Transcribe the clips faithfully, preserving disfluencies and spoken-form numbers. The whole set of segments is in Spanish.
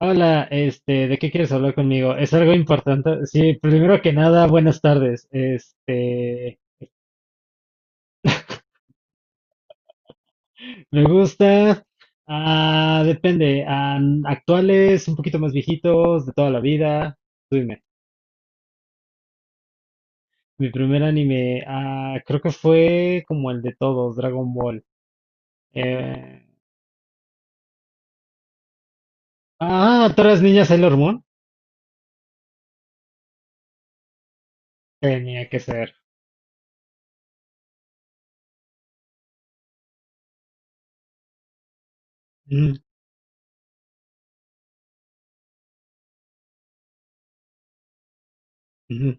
Hola, este, ¿de qué quieres hablar conmigo? ¿Es algo importante? Sí, primero que nada, buenas tardes. Este, me gusta, ah, depende, ah, actuales, un poquito más viejitos, de toda la vida. Tú dime. Mi primer anime, ah, creo que fue como el de todos, Dragon Ball. Eh, ah, ¿Todas las niñas Sailor Moon? Tenía que ser. Ujú, ujú.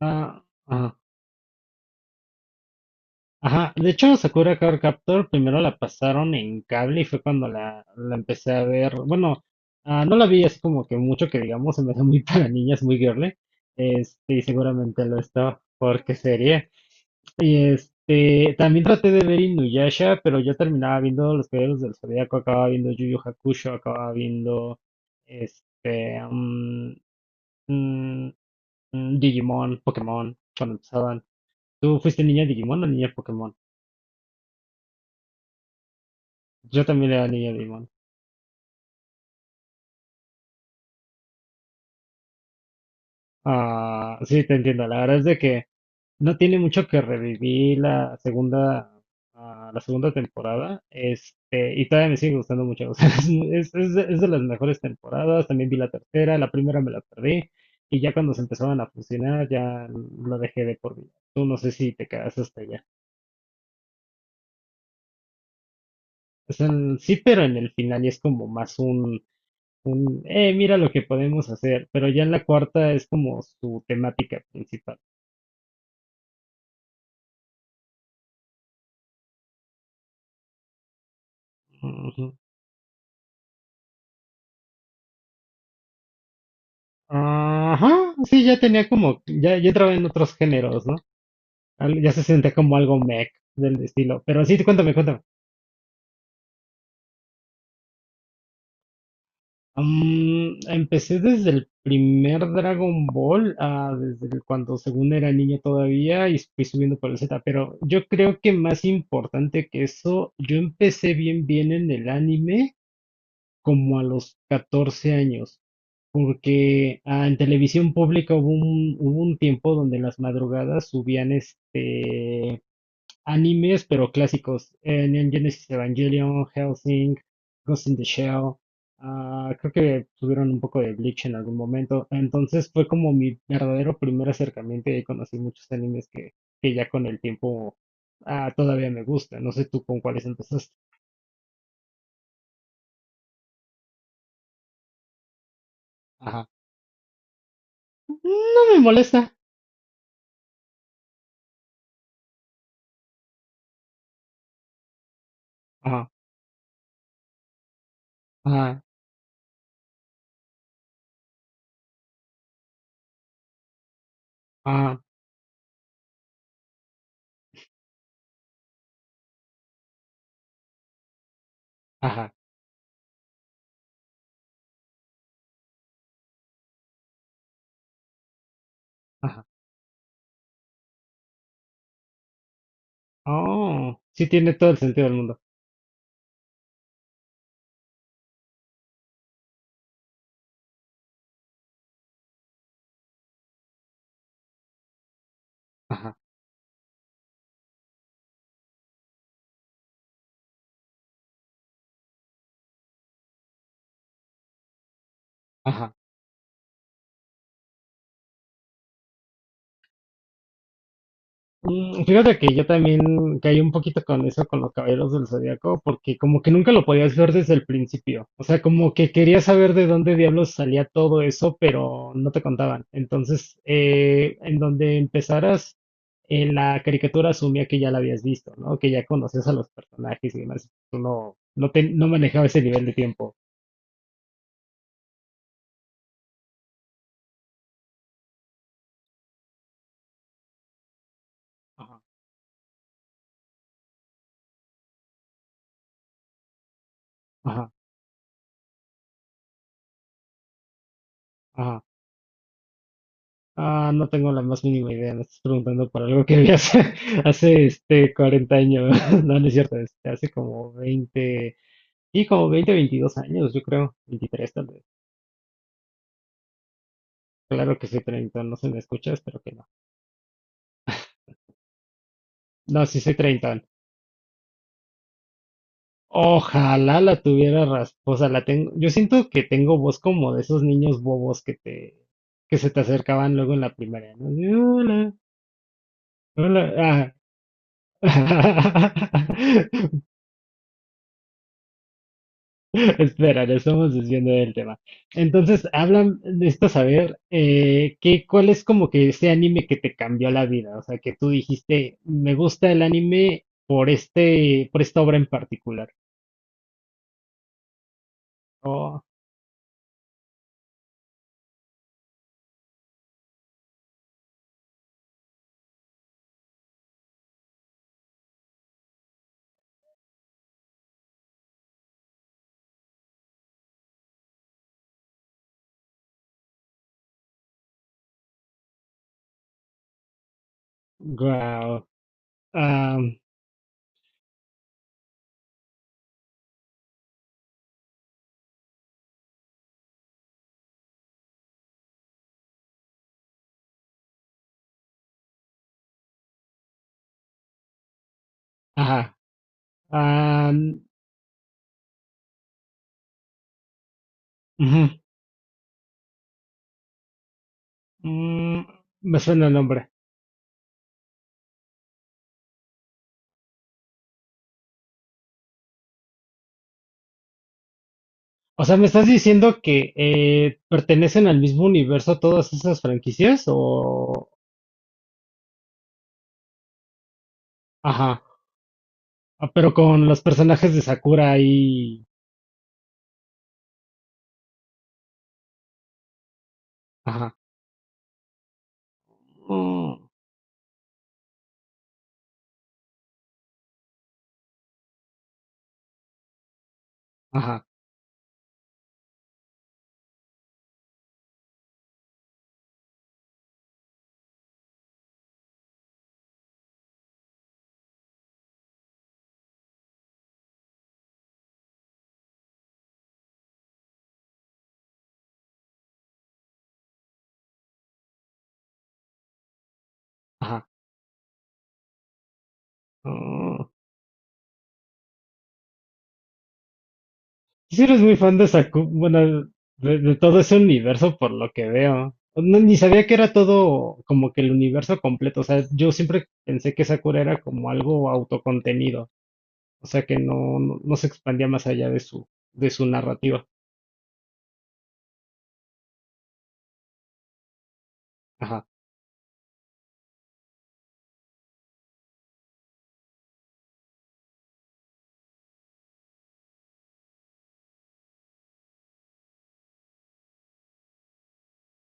Ah, ah. Ajá, de hecho Sakura Card Captor primero la pasaron en cable y fue cuando la, la empecé a ver. Bueno, ah, no la vi así como que mucho que digamos, se me hace muy para niñas, muy girly. Este, y seguramente lo estaba, porque sería. Y este, también traté de ver Inuyasha, pero yo terminaba viendo Los Caballeros del Zodiaco, acababa viendo Yu Yu Hakusho, acababa viendo este, mm, mm, mm, Digimon, Pokémon, cuando empezaban. ¿Tú fuiste niña Digimon o niña Pokémon? Yo también le daría a Digimon. Ah, sí, te entiendo. La verdad es de que no tiene mucho que revivir la segunda, ah, la segunda temporada. Este, y todavía me sigue gustando mucho. O sea, es, es- es de es de las mejores temporadas. También vi la tercera, la primera me la perdí. Y ya cuando se empezaban a funcionar, ya lo dejé de por vida. Tú no sé si te quedas hasta allá. O sea, sí, pero en el final y es como más un, un, eh, mira lo que podemos hacer. Pero ya en la cuarta es como su temática principal. Ajá, sí, ya tenía como, ya, ya entraba en otros géneros, ¿no? Al- Ya se sentía como algo mech del estilo. Pero sí, cuéntame, cuéntame. Mm, empecé desde el primer Dragon Ball, ah, desde el- cuando según era niño todavía, y fui subiendo por el Z. Pero yo creo que más importante que eso, yo empecé bien, bien en el anime como a los catorce años. Porque ah, en televisión pública hubo un, hubo un tiempo donde en las madrugadas subían este animes, pero clásicos. Eh, Neon Genesis Evangelion, Hellsing, Ghost in the Shell. Ah, creo que tuvieron un poco de Bleach en algún momento. Entonces fue como mi verdadero primer acercamiento y ahí conocí muchos animes que, que ya con el tiempo ah, todavía me gusta. No sé tú con cuáles empezaste. Ajá. No me molesta. Ajá, ajá, ajá, ajá, ajá. Oh, sí tiene todo el sentido del mundo. Ajá, ajá. Mm, Fíjate que yo también caí un poquito con eso, con los Caballeros del Zodiaco, porque como que nunca lo podías ver desde el principio. O sea, como que quería saber de dónde diablos salía todo eso, pero no te contaban. Entonces, eh, en donde empezaras, en la caricatura asumía que ya la habías visto, ¿no? Que ya conocías a los personajes y demás. Tú no, no, te, no manejaba ese nivel de tiempo. Ajá. Ajá, ajá. Ah, no tengo la más mínima idea, me estás preguntando por algo que vi hace, hace este cuarenta años, no, no es cierto, este, hace como veinte y como veinte, veintidós años, yo creo, veintitrés tal vez. Claro que soy treinta, no se me escucha, espero que no. No, sí soy treinta. Ojalá la tuviera rasposa, la tengo, yo siento que tengo voz como de esos niños bobos que te, que se te acercaban luego en la primaria, ¿no? Y, hola, hola, ah. Espera, le estamos desviando del tema. Entonces, hablan, necesito saber eh, qué, cuál es como que ese anime que te cambió la vida. O sea, que tú dijiste, me gusta el anime por este, por esta obra en particular. Oh, wow. Am, ajá. Am, Ujú, mm, me suena el nombre. O sea, ¿me estás diciendo que eh, pertenecen al mismo universo todas esas franquicias? O, ajá. Ah, pero con los personajes de Sakura ahí. Ajá, mm, ajá, ajá. Mm. Si eres muy fan de Sakura, bueno, de, de todo ese universo por lo que veo. No, ni sabía que era todo como que el universo completo. O sea, yo siempre pensé que Sakura era como algo autocontenido. O sea, que no, no, no se expandía más allá de su, de su narrativa. Ajá,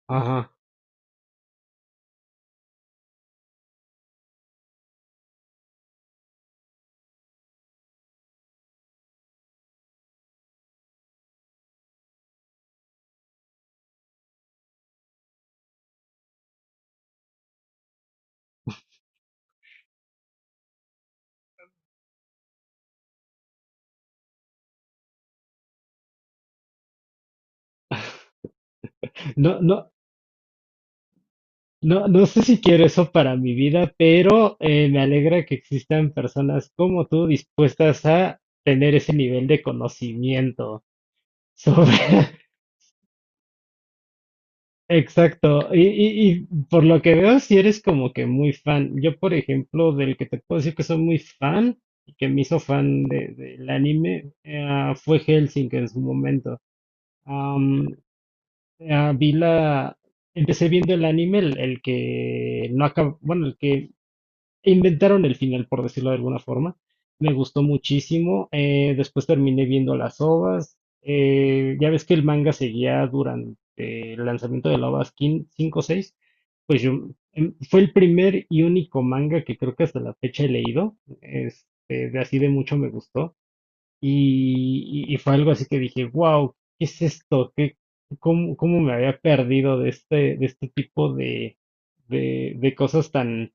ajá. No, no, no, no sé si quiero eso para mi vida, pero eh, me alegra que existan personas como tú dispuestas a tener ese nivel de conocimiento. Sobre- Exacto. Y, y, y por lo que veo, si eres como que muy fan. Yo, por ejemplo, del que te puedo decir que soy muy fan y que me hizo fan de, del anime, eh, fue Hellsing en su momento. Am, ah, Vi la, empecé viendo el anime, el, el que no acabó, bueno, el que inventaron el final, por decirlo de alguna forma. Me gustó muchísimo. Eh, después terminé viendo las ovas. Eh, ya ves que el manga seguía durante el lanzamiento de la ova cinco o seis. Pues yo em, fue el primer y único manga que creo que hasta la fecha he leído. Este, de así de mucho me gustó. Y, y- y fue algo así que dije, wow, ¿qué es esto? ¿Qué, cómo, cómo me había perdido de este, de este tipo de, de de cosas tan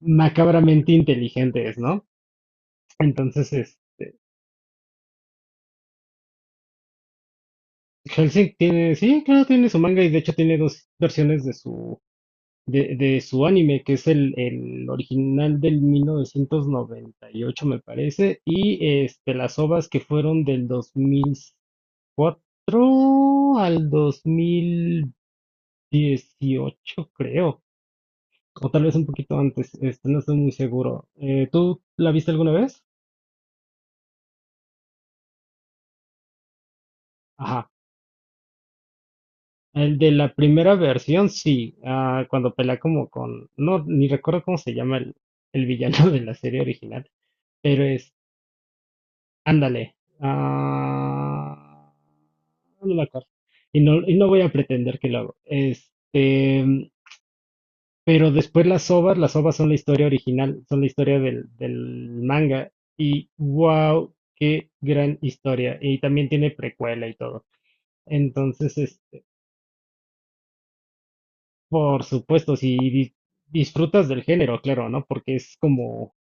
macabramente inteligentes, ¿no? Entonces, es, Hellsing tiene, sí, claro, tiene su manga y de hecho tiene dos versiones de su, de, de su anime, que es el, el original del mil novecientos noventa y ocho, me parece, y este, las ovas que fueron del dos mil cuatro al dos mil dieciocho, creo, o tal vez un poquito antes, este, no estoy muy seguro. Eh, ¿tú la viste alguna vez? Ajá. El de la primera versión, sí, ah, cuando pelea como con, no, ni recuerdo cómo se llama el, el villano de la serie original, pero es, ándale, ah, no me acuerdo, y no, y no voy a pretender que lo hago, este, pero después las ovas, las ovas son la historia original, son la historia del, del manga, y wow, qué gran historia, y también tiene precuela y todo, entonces, por supuesto, si di- disfrutas del género, claro, ¿no? Porque es como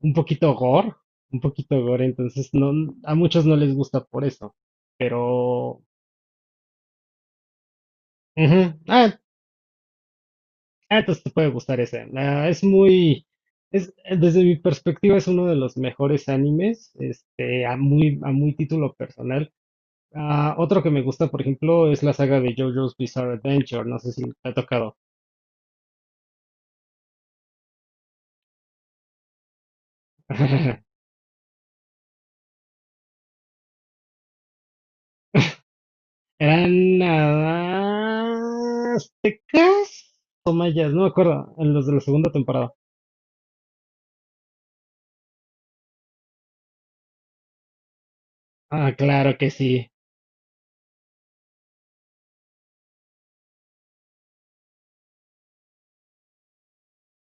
un poquito gore, un poquito gore, entonces no, a muchos no les gusta por eso, pero... Ujú. Ah, ah, entonces te puede gustar ese. Ah, es muy... Es, Desde mi perspectiva es uno de los mejores animes, este, a muy, a muy título personal. Ah, otro que me gusta, por ejemplo, es la saga de JoJo's Bizarre Adventure, no sé si te ha tocado. Eran aztecas o mayas, no me acuerdo, en los de la segunda temporada. Ah, claro que sí.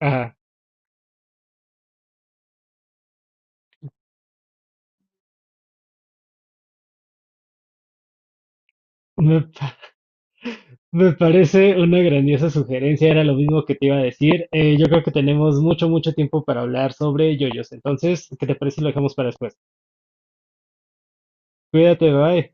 Ah, me, me parece una grandiosa sugerencia, era lo mismo que te iba a decir. Eh, yo creo que tenemos mucho, mucho tiempo para hablar sobre yoyos. Entonces, ¿qué te parece si lo dejamos para después? Cuídate, bye.